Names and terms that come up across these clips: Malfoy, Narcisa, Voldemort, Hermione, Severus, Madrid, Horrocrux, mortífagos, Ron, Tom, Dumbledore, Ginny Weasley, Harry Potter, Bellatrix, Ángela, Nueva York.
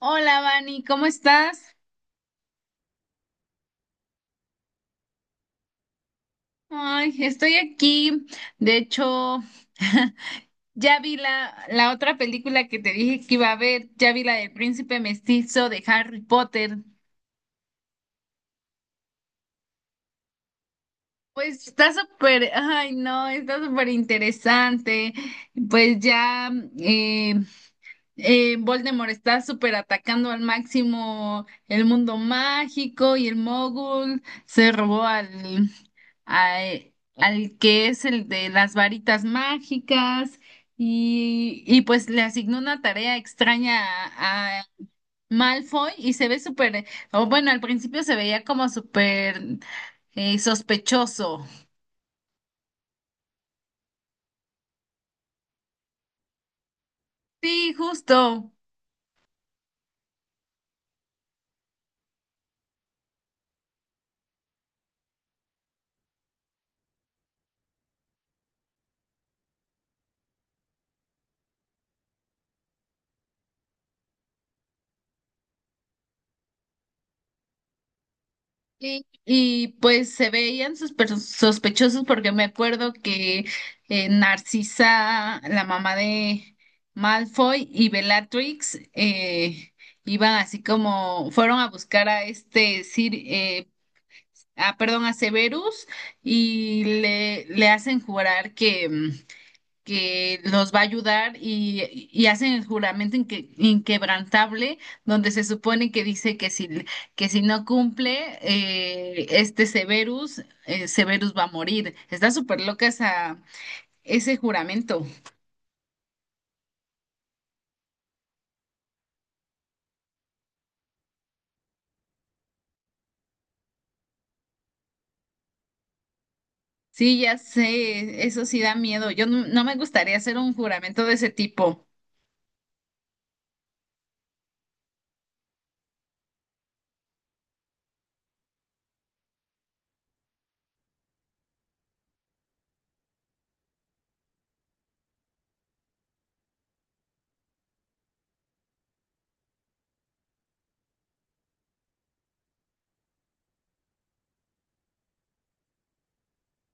Hola, Vani, ¿cómo estás? Ay, estoy aquí. De hecho, ya vi la otra película que te dije que iba a ver. Ya vi la del Príncipe Mestizo de Harry Potter. Pues está súper, ay, no, está súper interesante. Pues ya, eh, Voldemort está súper atacando al máximo el mundo mágico y el mogul se robó al que es el de las varitas mágicas y pues le asignó una tarea extraña a Malfoy y se ve súper, o bueno, al principio se veía como súper sospechoso. Sí, justo. Y, pues se veían sospechosos porque me acuerdo que Narcisa, la mamá de Malfoy y Bellatrix iban así como fueron a buscar a este Sir, ah, perdón, a Severus y le hacen jurar que los va a ayudar y hacen el juramento inquebrantable, donde se supone que dice que si no cumple, Severus va a morir. Está súper loca ese juramento. Sí, ya sé, eso sí da miedo. Yo no me gustaría hacer un juramento de ese tipo.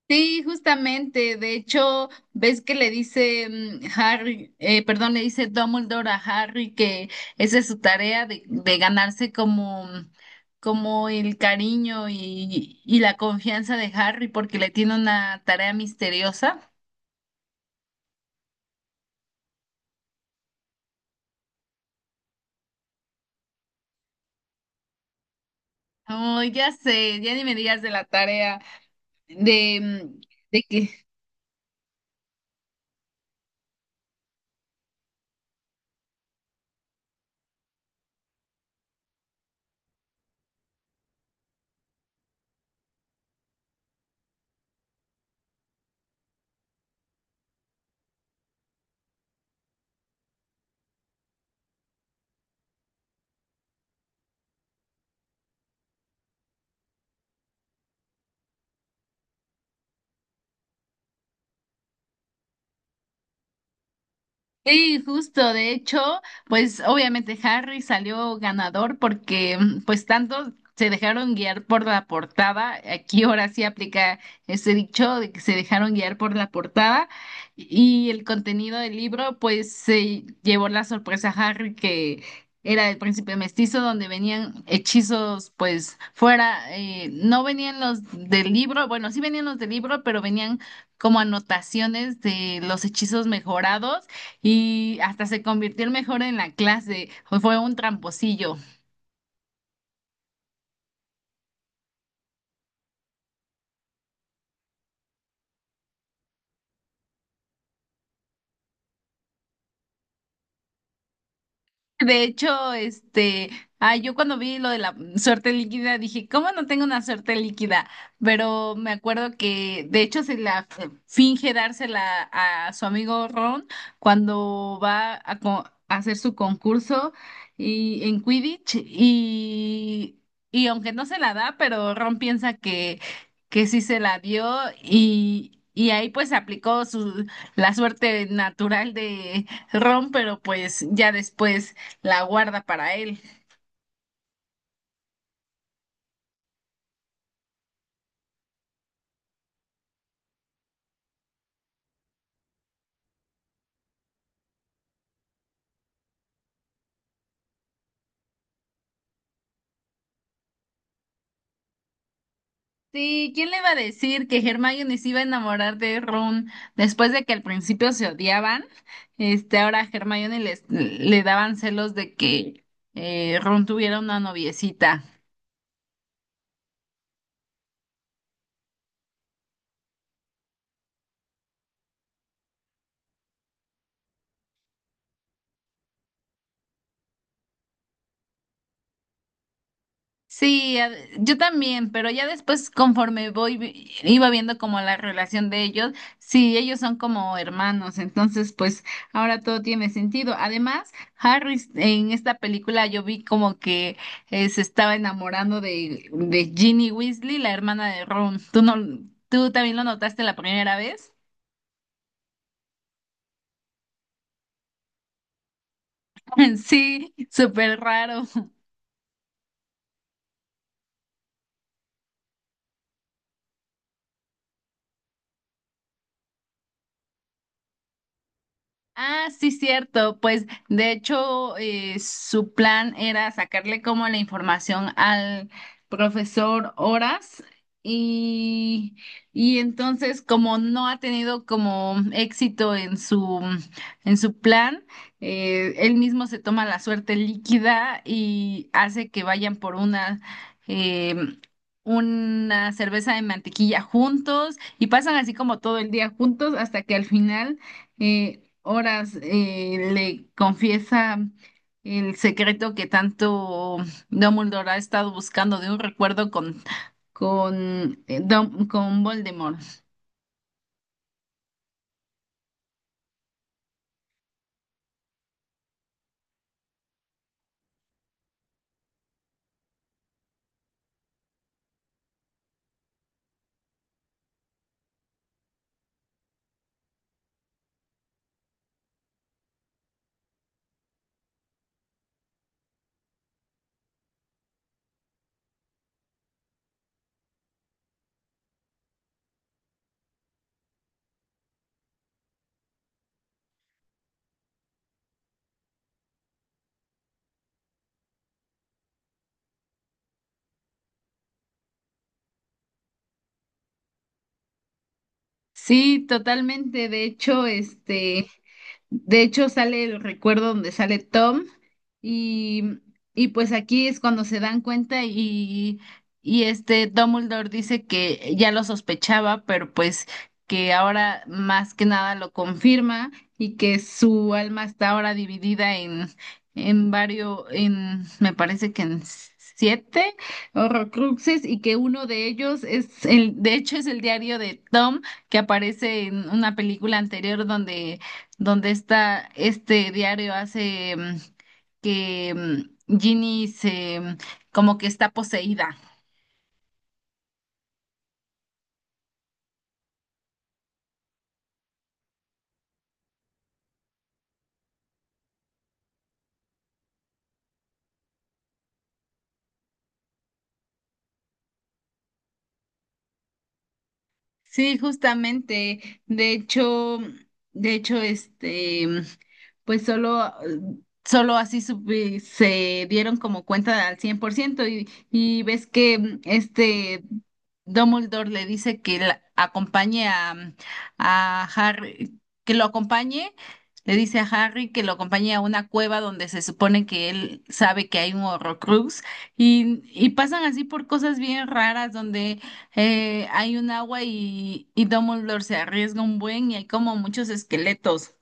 Sí, justamente. De hecho, ves que le dice mm, Harry, perdón, le dice Dumbledore a Harry que esa es su tarea de ganarse como el cariño y la confianza de Harry porque le tiene una tarea misteriosa. Oh, ya sé, ya ni me digas de la tarea de, mm, de que Sí, justo, de hecho, pues obviamente Harry salió ganador porque pues tanto se dejaron guiar por la portada, aquí ahora sí aplica ese dicho de que se dejaron guiar por la portada y el contenido del libro pues se llevó la sorpresa a Harry que era el príncipe mestizo donde venían hechizos pues fuera, no venían los del libro, bueno sí venían los del libro pero venían como anotaciones de los hechizos mejorados y hasta se convirtió el mejor en la clase. Fue un tramposillo. De hecho, este, ah, yo cuando vi lo de la suerte líquida dije, ¿cómo no tengo una suerte líquida? Pero me acuerdo que de hecho se la finge dársela a su amigo Ron cuando va a hacer su concurso y en Quidditch y aunque no se la da, pero Ron piensa que sí se la dio y ahí pues aplicó la suerte natural de Ron, pero pues ya después. La guarda para él. Sí, ¿quién le iba a decir que Hermione se iba a enamorar de Ron después de que al principio se odiaban? Este, ahora a Hermione les- le daban celos de que Ron tuviera una noviecita. Sí, yo también, pero ya después conforme iba viendo como la relación de ellos, sí, ellos son como hermanos, entonces pues ahora todo tiene sentido. Además, Harris en esta película yo vi como que se estaba enamorando de Ginny Weasley, la hermana de Ron. ¿Tú no, tú también lo notaste la primera vez? Sí, súper raro. Ah, sí, cierto. Pues de hecho, su plan era sacarle como la información al profesor Horas y, y entonces como no ha tenido como éxito en su plan, él mismo se toma la suerte líquida y hace que vayan por em, una cerveza de mantequilla juntos y pasan así como todo el día juntos hasta que al final horas le confiesa el secreto que tanto Dumbledore ha estado buscando de un recuerdo con Voldemort. Sí, totalmente. De hecho, este. De hecho, sale el recuerdo donde sale Tom y, y pues aquí es cuando se dan cuenta y este Dumbledore dice que ya lo sospechaba, pero pues que ahora más que nada lo confirma y que su alma está ahora dividida en varios, me parece que en siete Horrocruxes y que uno de ellos es el, de hecho es el diario de Tom que aparece en una película anterior donde está este diario hace que Ginny se como que está poseída. Sí, justamente. De hecho, este, pues solo así se dieron como cuenta al 100% y ves que este Dumbledore le dice que acompañe a Harry, que lo acompañe, le dice a Harry que lo acompañe a una cueva donde se supone que él sabe que hay un Horrocrux y pasan así por cosas bien raras donde hay un agua y Dumbledore se arriesga un buen y hay como muchos esqueletos.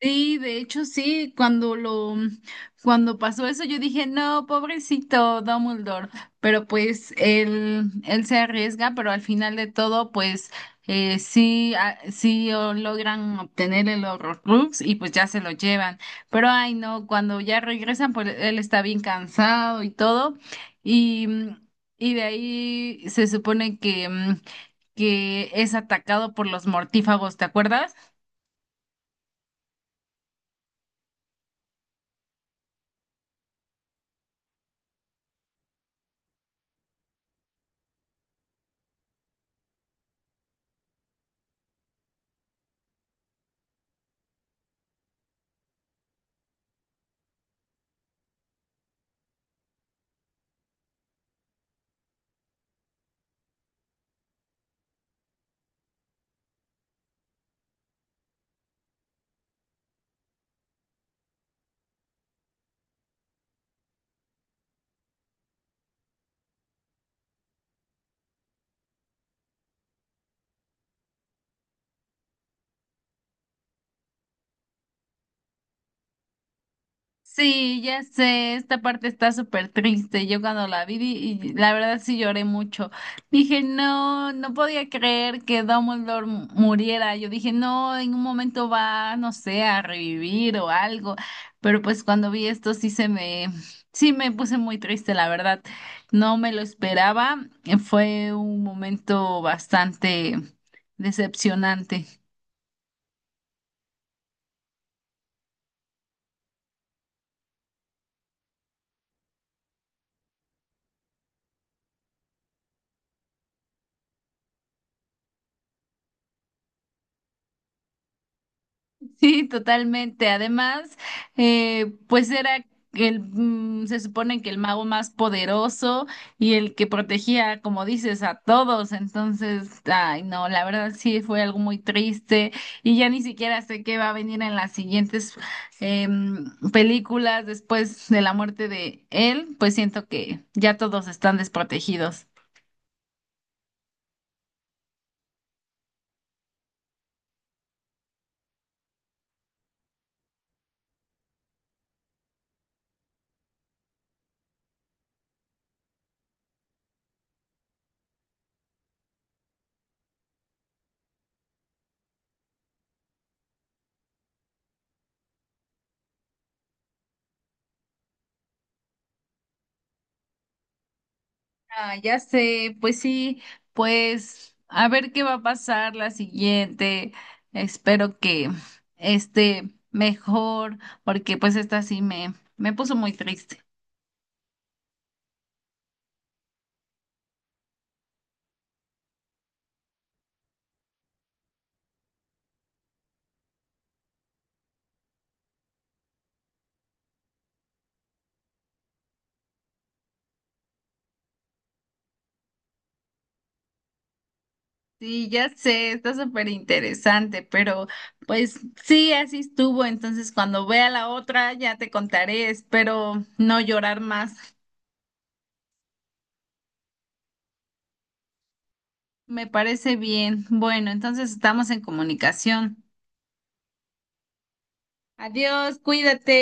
Sí, de hecho sí, cuando pasó eso yo dije, no, pobrecito Dumbledore, pero pues él se arriesga, pero al final de todo, pues sí, ah, sí oh, logran obtener el Horrocrux y pues ya se lo llevan. Pero ay no, cuando ya regresan, pues él está bien cansado y todo, y, mm, y de ahí se supone que es atacado por los mortífagos, ¿te acuerdas? Sí, ya sé, esta parte está súper triste. Yo cuando la vi, y la verdad sí lloré mucho. Dije, no, no podía creer que Dumbledore muriera. Yo dije, no, en un momento va, no sé, a revivir o algo. Pero pues cuando vi esto sí me puse muy triste, la verdad. No me lo esperaba. Fue un momento bastante decepcionante. Sí, totalmente. Además, pues era se supone que el mago más poderoso y el que protegía, como dices, a todos. Entonces, ay, no, la verdad sí fue algo muy triste y ya ni siquiera sé qué va a venir en las siguientes em, películas después de la muerte de él. Pues siento que ya todos están desprotegidos. Ah, ya sé, pues sí, pues a ver qué va a pasar la siguiente. Espero que esté mejor, porque pues esta sí me puso muy triste. Sí, ya sé, está súper interesante, pero pues sí, así estuvo. Entonces, cuando vea la otra, ya te contaré. Espero no llorar más. Me parece bien. Bueno, entonces estamos en comunicación. Adiós, cuídate.